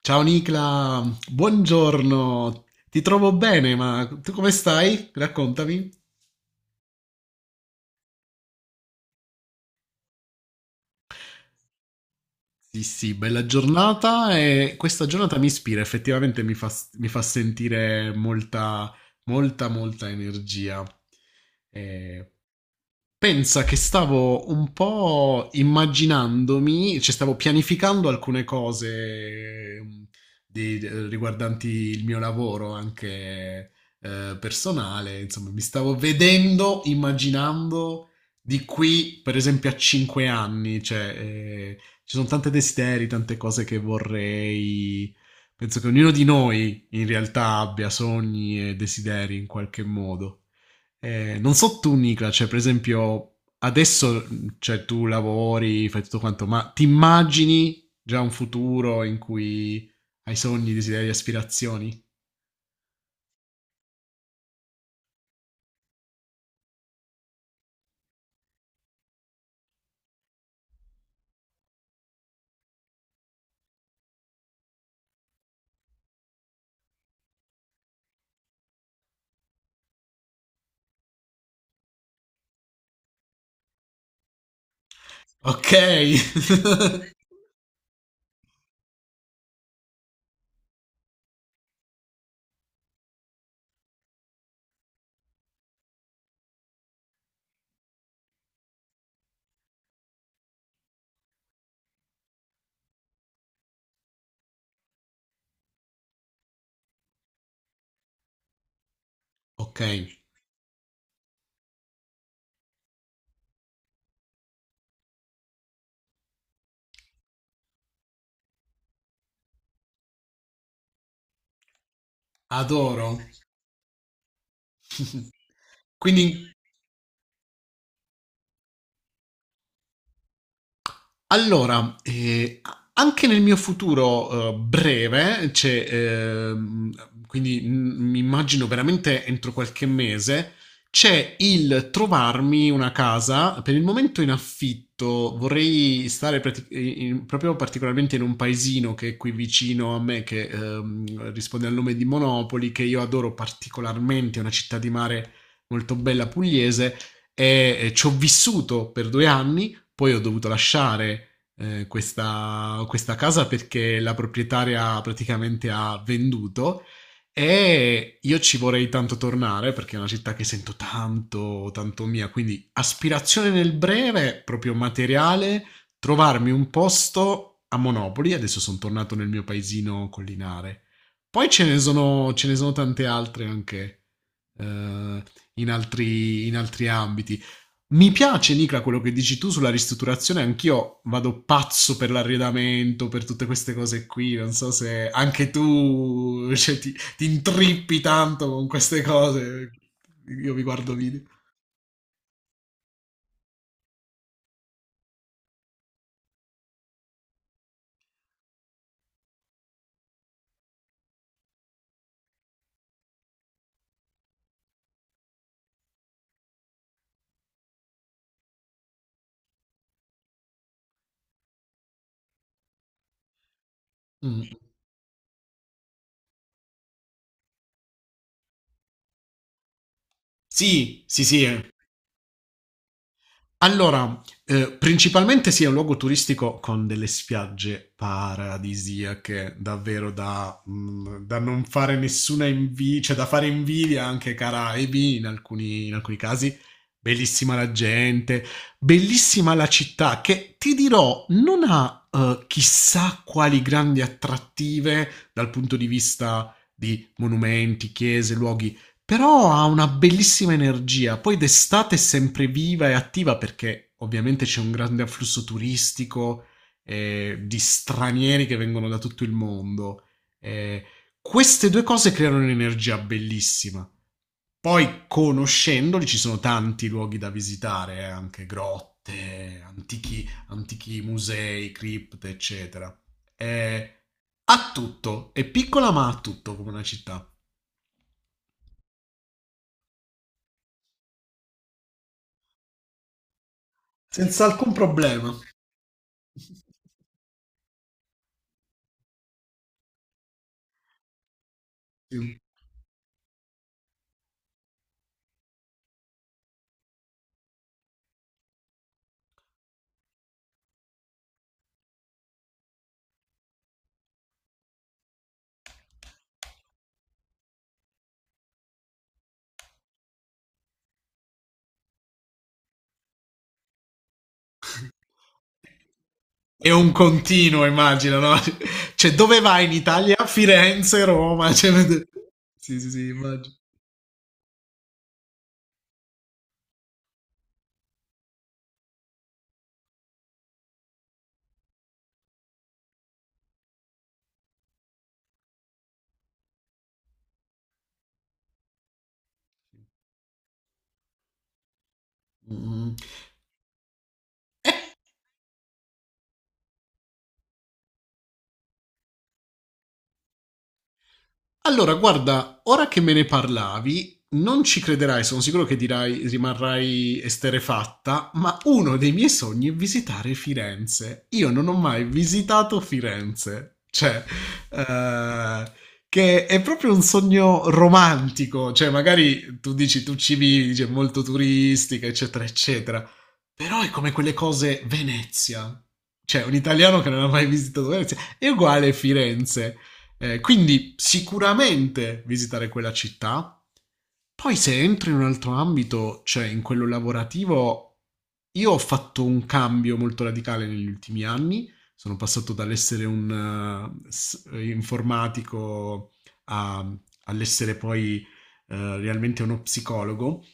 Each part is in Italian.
Ciao Nicla, buongiorno. Ti trovo bene, ma tu come stai? Raccontami. Sì, sì, bella giornata e questa giornata mi ispira, effettivamente mi fa sentire molta, molta, molta energia. Eh, Pensa che stavo un po' immaginandomi, cioè stavo pianificando alcune cose di- riguardanti il mio lavoro anche personale, insomma, mi stavo vedendo, immaginando di qui, per esempio, a 5 anni, cioè ci sono tanti desideri, tante cose che vorrei. Penso che ognuno di noi in realtà abbia sogni e desideri in qualche modo. Non so tu, Nicola, cioè, per esempio, adesso cioè, tu lavori, fai tutto quanto, ma ti immagini già un futuro in cui hai sogni, desideri, aspirazioni? Ok, ok, adoro. Quindi. Allora, anche nel mio futuro breve, c'è, quindi mi immagino veramente entro qualche mese, c'è il trovarmi una casa, per il momento in affitto, vorrei stare proprio particolarmente in un paesino che è qui vicino a me, che risponde al nome di Monopoli, che io adoro particolarmente, è una città di mare molto bella pugliese e ci ho vissuto per 2 anni, poi ho dovuto lasciare questa casa perché la proprietaria praticamente ha venduto e io ci vorrei tanto tornare perché è una città che sento tanto, tanto mia. Quindi aspirazione nel breve, proprio materiale, trovarmi un posto a Monopoli. Adesso sono tornato nel mio paesino collinare. Poi ce ne sono tante altre anche eh, in altri ambiti. Mi piace, Nicla, quello che dici tu sulla ristrutturazione. Anch'io vado pazzo per l'arredamento, per tutte queste cose qui. Non so se anche tu, cioè, ti intrippi tanto con queste cose. Io vi guardo video. Mm. Sì, sì, sì. Allora, principalmente sì, è un luogo turistico con delle spiagge paradisiache, davvero da non fare nessuna invidia, cioè da fare invidia anche ai Caraibi in alcuni casi. Bellissima la gente, bellissima la città che ti dirò non ha chissà quali grandi attrattive dal punto di vista di monumenti, chiese, luoghi, però ha una bellissima energia, poi d'estate è sempre viva e attiva perché ovviamente c'è un grande afflusso turistico di stranieri che vengono da tutto il mondo. Eh, queste due cose creano un'energia bellissima. Poi conoscendoli ci sono tanti luoghi da visitare, anche grotte, antichi, antichi musei, cripte, eccetera. Eh, ha tutto, è piccola ma ha tutto come una città, senza alcun problema. Sì. È un continuo immagino, no, cioè dove vai in Italia? Firenze, Roma, cioè sì, sì, sì immagino. Mh-mh. E allora, guarda, ora che me ne parlavi, non ci crederai, sono sicuro che dirai, rimarrai esterefatta, ma uno dei miei sogni è visitare Firenze. Io non ho mai visitato Firenze, cioè, eh, che è proprio un sogno romantico, cioè magari tu dici tu ci vivi, dici, è molto turistica, eccetera, eccetera, però è come quelle cose Venezia, cioè un italiano che non ha mai visitato Venezia è uguale a Firenze. Quindi sicuramente visitare quella città. Poi se entro in un altro ambito, cioè in quello lavorativo, io ho fatto un cambio molto radicale negli ultimi anni. Sono passato dall'essere un informatico a- all'essere poi realmente uno psicologo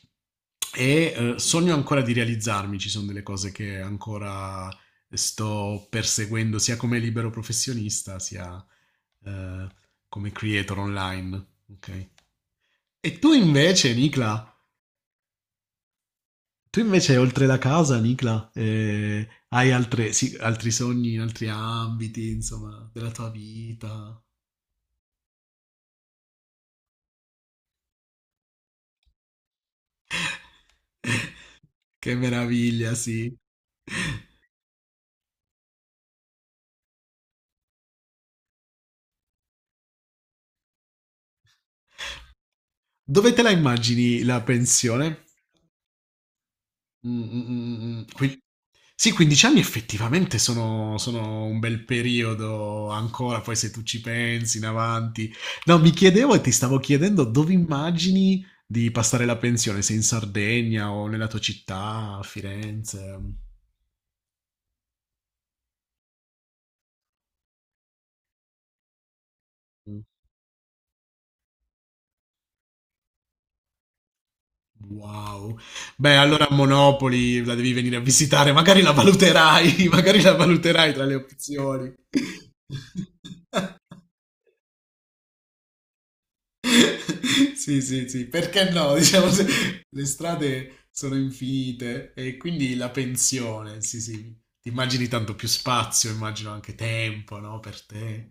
e sogno ancora di realizzarmi, ci sono delle cose che ancora sto perseguendo sia come libero professionista sia eh, come creator online. Ok? E tu invece, Nicla, tu invece oltre la casa, Nicla, hai sì, altri sogni in altri ambiti, insomma, della tua vita? Che meraviglia, sì. Dove te la immagini la pensione? Qui sì, 15 anni effettivamente sono un bel periodo ancora, poi se tu ci pensi in avanti. No, mi chiedevo e ti stavo chiedendo dove immagini di passare la pensione, se in Sardegna o nella tua città, a Firenze. Mh. Wow. Beh, allora a Monopoli la devi venire a visitare, magari la valuterai, magari la valuterai tra le opzioni. Sì, sì, sì, perché no? Diciamo, le strade sono infinite e quindi la pensione, sì, sì, ti immagini tanto più spazio, immagino anche tempo, no? Per te.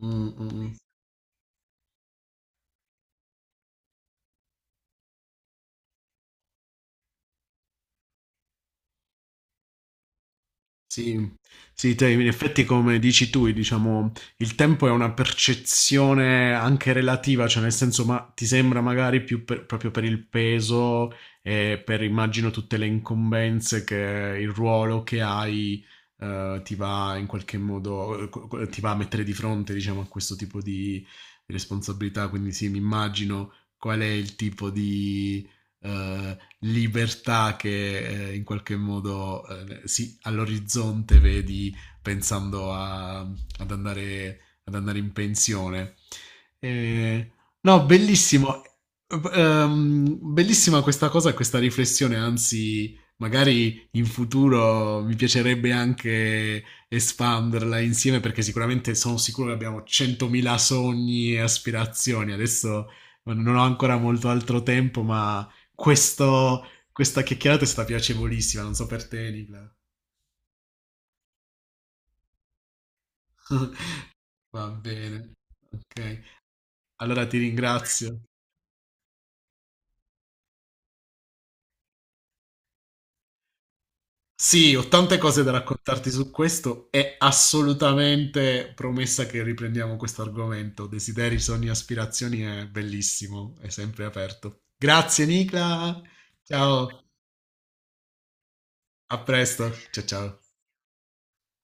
Mm, mm, mm. Sì, sì, te, in effetti come dici tu, diciamo, il tempo è una percezione anche relativa, cioè nel senso, ma ti sembra magari più proprio per il peso e per, immagino, tutte le incombenze che il ruolo che hai ti va in qualche modo, ti va a mettere di fronte, diciamo, a questo tipo di responsabilità, quindi sì, mi immagino qual è il tipo di... eh, libertà che in qualche modo sì, all'orizzonte vedi pensando ad andare in pensione. Eh, no, bellissimo. Bellissima questa cosa, questa riflessione, anzi, magari in futuro mi piacerebbe anche espanderla insieme perché sicuramente sono sicuro che abbiamo 100.000 sogni e aspirazioni. Adesso non ho ancora molto altro tempo, ma questo, questa chiacchierata è stata piacevolissima, non so per te, Nicola. Va bene. Ok, allora ti ringrazio. Sì, ho tante cose da raccontarti su questo. È assolutamente promessa che riprendiamo questo argomento. Desideri, sogni, aspirazioni è bellissimo, è sempre aperto. Grazie, Nicola. Ciao, a presto. Ciao, ciao.